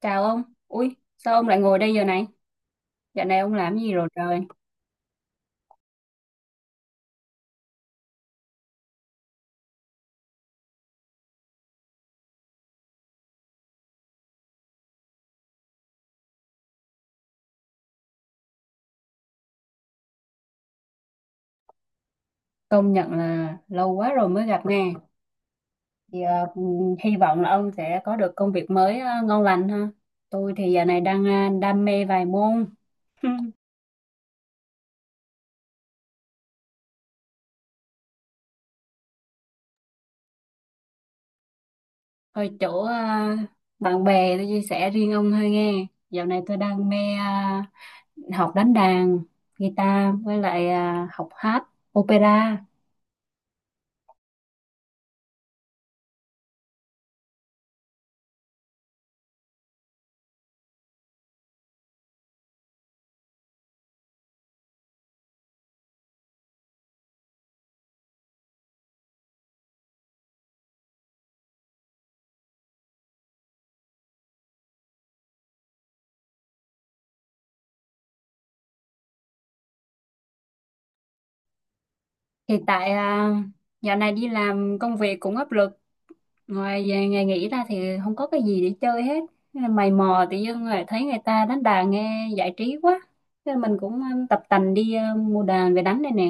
Chào ông. Ui, sao ông lại ngồi đây giờ này? Dạo này ông làm gì rồi trời? Công nhận là lâu quá rồi mới gặp nè. Thì ờ, Hy vọng là ông sẽ có được công việc mới ngon lành ha. Tôi thì giờ này đang đam mê vài môn. Hơi chỗ ờ, Bạn bè tôi chia sẻ riêng ông hơi nghe. Dạo này tôi đang mê học đánh đàn, guitar với lại học hát, opera. Thì tại ờ, Dạo này đi làm công việc cũng áp lực, ngoài về ngày nghỉ ra thì không có cái gì để chơi hết. Thế là mày mò tự dưng rồi thấy người ta đánh đàn nghe giải trí quá. Thế là mình cũng tập tành đi, mua đàn về đánh đây nè.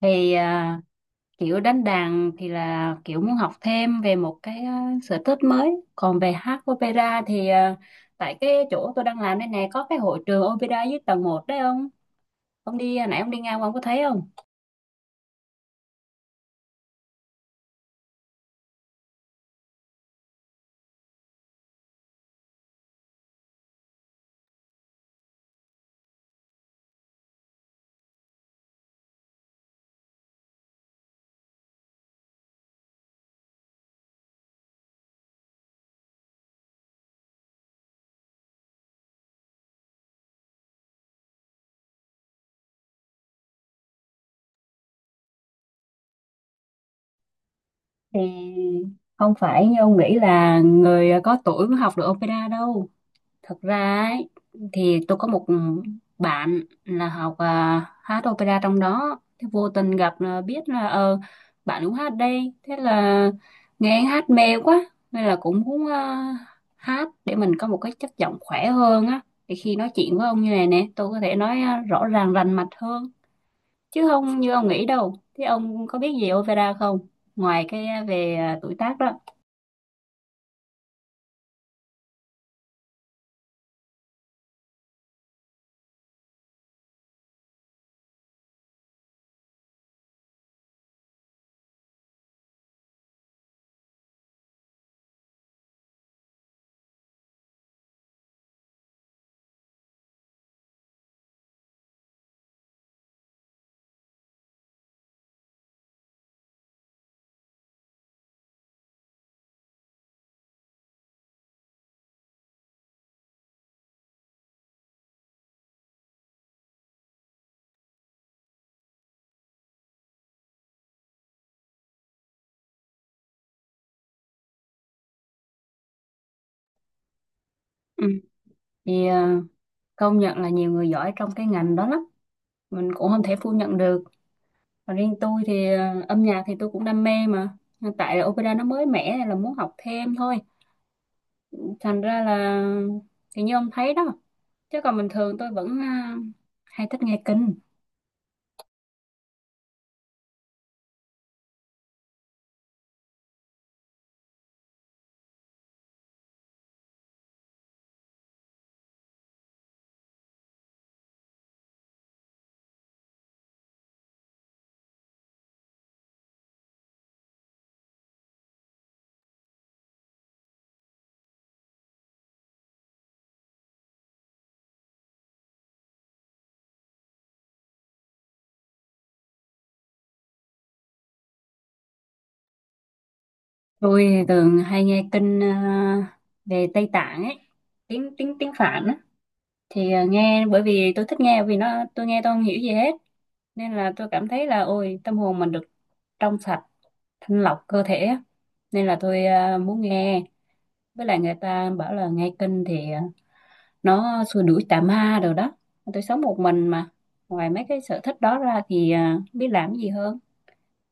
thì à, Kiểu đánh đàn thì là kiểu muốn học thêm về một cái sở thích mới, còn về hát opera thì ờ, tại cái chỗ tôi đang làm đây nè có cái hội trường opera dưới tầng một đấy ông. Ông đi nãy, ông đi ngang qua ông có thấy không? Thì không phải như ông nghĩ là người có tuổi mới học được opera đâu. Thật ra ấy, thì tôi có một bạn là học hát opera trong đó, thế vô tình gặp là biết là ờ, bạn cũng hát đây. Thế là nghe anh hát mê quá nên là cũng muốn hát để mình có một cái chất giọng khỏe hơn á, để khi nói chuyện với ông như này nè tôi có thể nói rõ ràng rành mạch hơn, chứ không như ông nghĩ đâu. Thế ông có biết gì opera không, ngoài cái về tuổi tác đó? Ừ. thì à, Công nhận là nhiều người giỏi trong cái ngành đó lắm, mình cũng không thể phủ nhận được. Và riêng tôi thì ờ, âm nhạc thì tôi cũng đam mê, mà hiện tại là opera nó mới mẻ nên là muốn học thêm thôi. Thành ra là thì như ông thấy đó, chứ còn bình thường tôi vẫn hay thích nghe kinh. Tôi thì thường hay nghe kinh về Tây Tạng ấy, tiếng tiếng tiếng Phạn á. Nghe bởi vì tôi thích nghe, vì nó tôi nghe tôi không hiểu gì hết, nên là tôi cảm thấy là ôi tâm hồn mình được trong sạch, thanh lọc cơ thể á. Nên là tôi muốn nghe. Với lại người ta bảo là nghe kinh thì ờ, nó xua đuổi tà ma rồi đó. Tôi sống một mình mà, ngoài mấy cái sở thích đó ra thì ờ, biết làm cái gì hơn.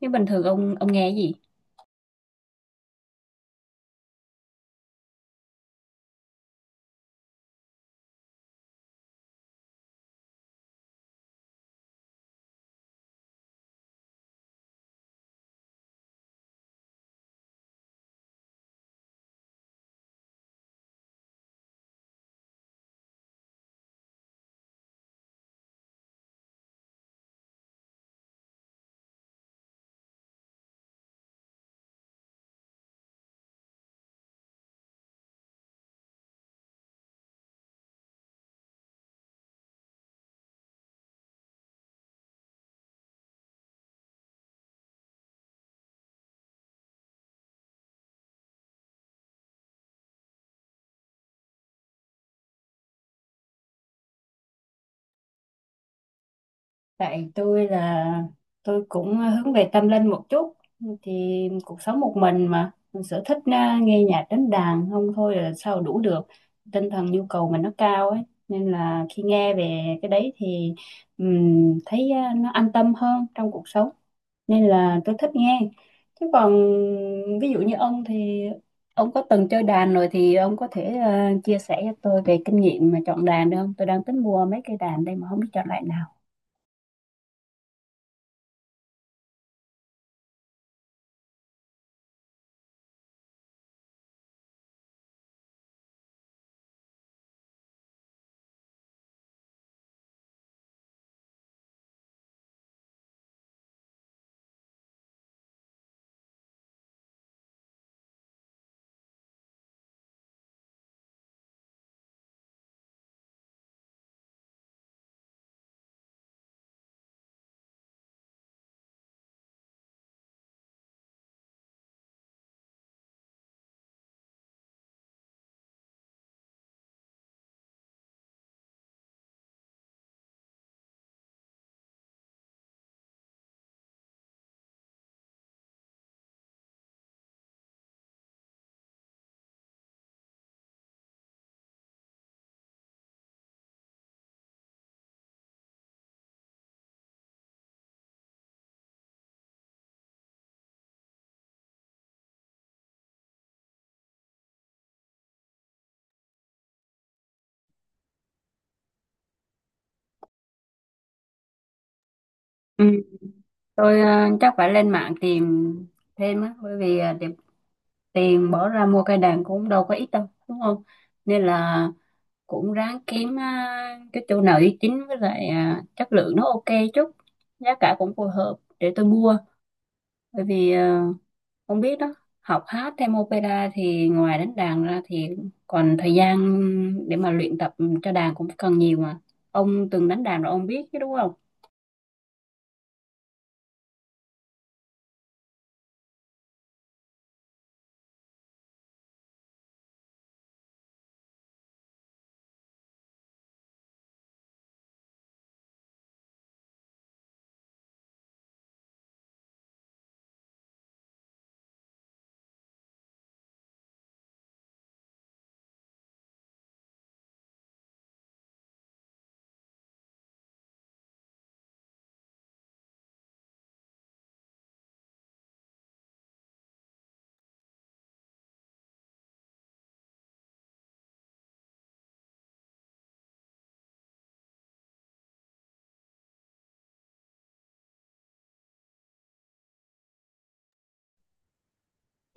Nhưng bình thường ông nghe cái gì? Tại tôi là tôi cũng hướng về tâm linh một chút, thì cuộc sống một mình mà, mình sở thích nghe nhạc đánh đàn không thôi là sao đủ được. Tinh thần nhu cầu mình nó cao ấy, nên là khi nghe về cái đấy thì thấy nó an tâm hơn trong cuộc sống, nên là tôi thích nghe. Chứ còn ví dụ như ông thì ông có từng chơi đàn rồi, thì ông có thể chia sẻ cho tôi về kinh nghiệm mà chọn đàn được không? Tôi đang tính mua mấy cây đàn đây mà không biết chọn loại nào. Tôi ờ, chắc phải lên mạng tìm thêm á, bởi vì ờ, tiền tiền bỏ ra mua cây đàn cũng đâu có ít đâu đúng không. Nên là cũng ráng kiếm cái chỗ nào uy tín, với lại ờ, chất lượng nó ok chút, giá cả cũng phù hợp để tôi mua. Bởi vì ờ, không biết đó, học hát thêm opera thì ngoài đánh đàn ra thì còn thời gian để mà luyện tập cho đàn cũng cần nhiều mà. Ông từng đánh đàn rồi ông biết chứ đúng không?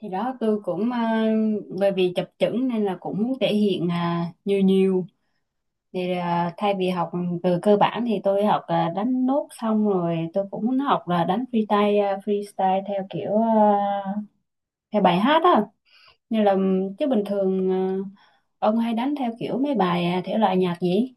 Thì đó tôi cũng à, Bởi vì chập chững nên là cũng muốn thể hiện nhiều nhiều, thay vì học từ cơ bản thì tôi học đánh nốt xong rồi tôi cũng muốn học là đánh freestyle, freestyle theo kiểu theo bài hát á, như là, chứ bình thường ông hay đánh theo kiểu mấy bài thể loại nhạc gì?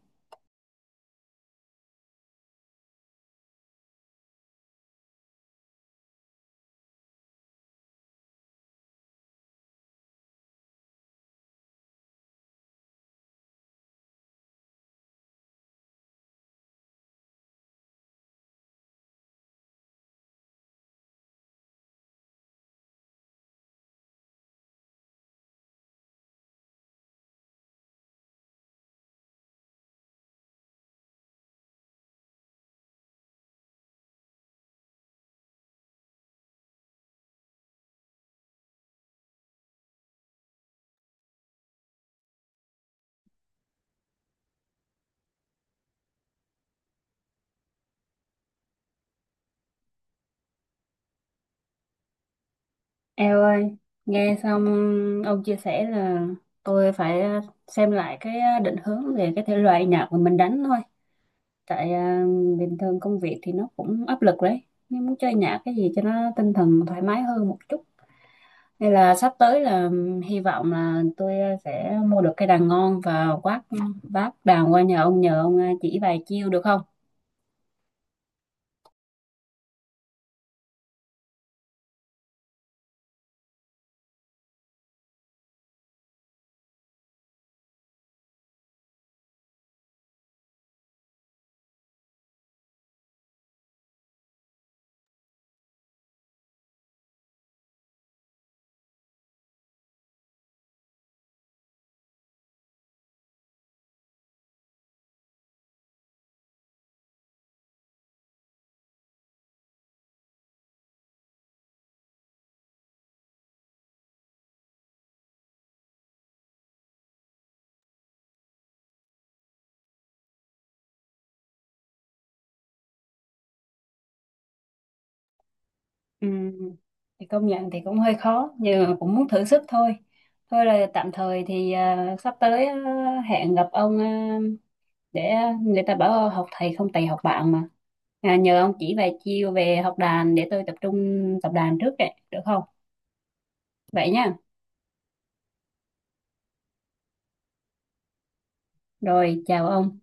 Eo ơi, nghe xong ông chia sẻ là tôi phải xem lại cái định hướng về cái thể loại nhạc mà mình đánh thôi. tại à, Bình thường công việc thì nó cũng áp lực đấy, nhưng muốn chơi nhạc cái gì cho nó tinh thần thoải mái hơn một chút, nên là sắp tới là hy vọng là tôi sẽ mua được cây đàn ngon, và quát vác đàn qua nhà ông nhờ ông chỉ vài chiêu được không? Ừm, thì công nhận thì cũng hơi khó nhưng mà cũng muốn thử sức thôi. Thôi là tạm thời thì sắp tới hẹn gặp ông để, người ta bảo học thầy không thầy học bạn mà, nhờ ông chỉ vài chiêu về học đàn để tôi tập trung tập đàn trước ấy, được không? Vậy nha. Rồi, chào ông.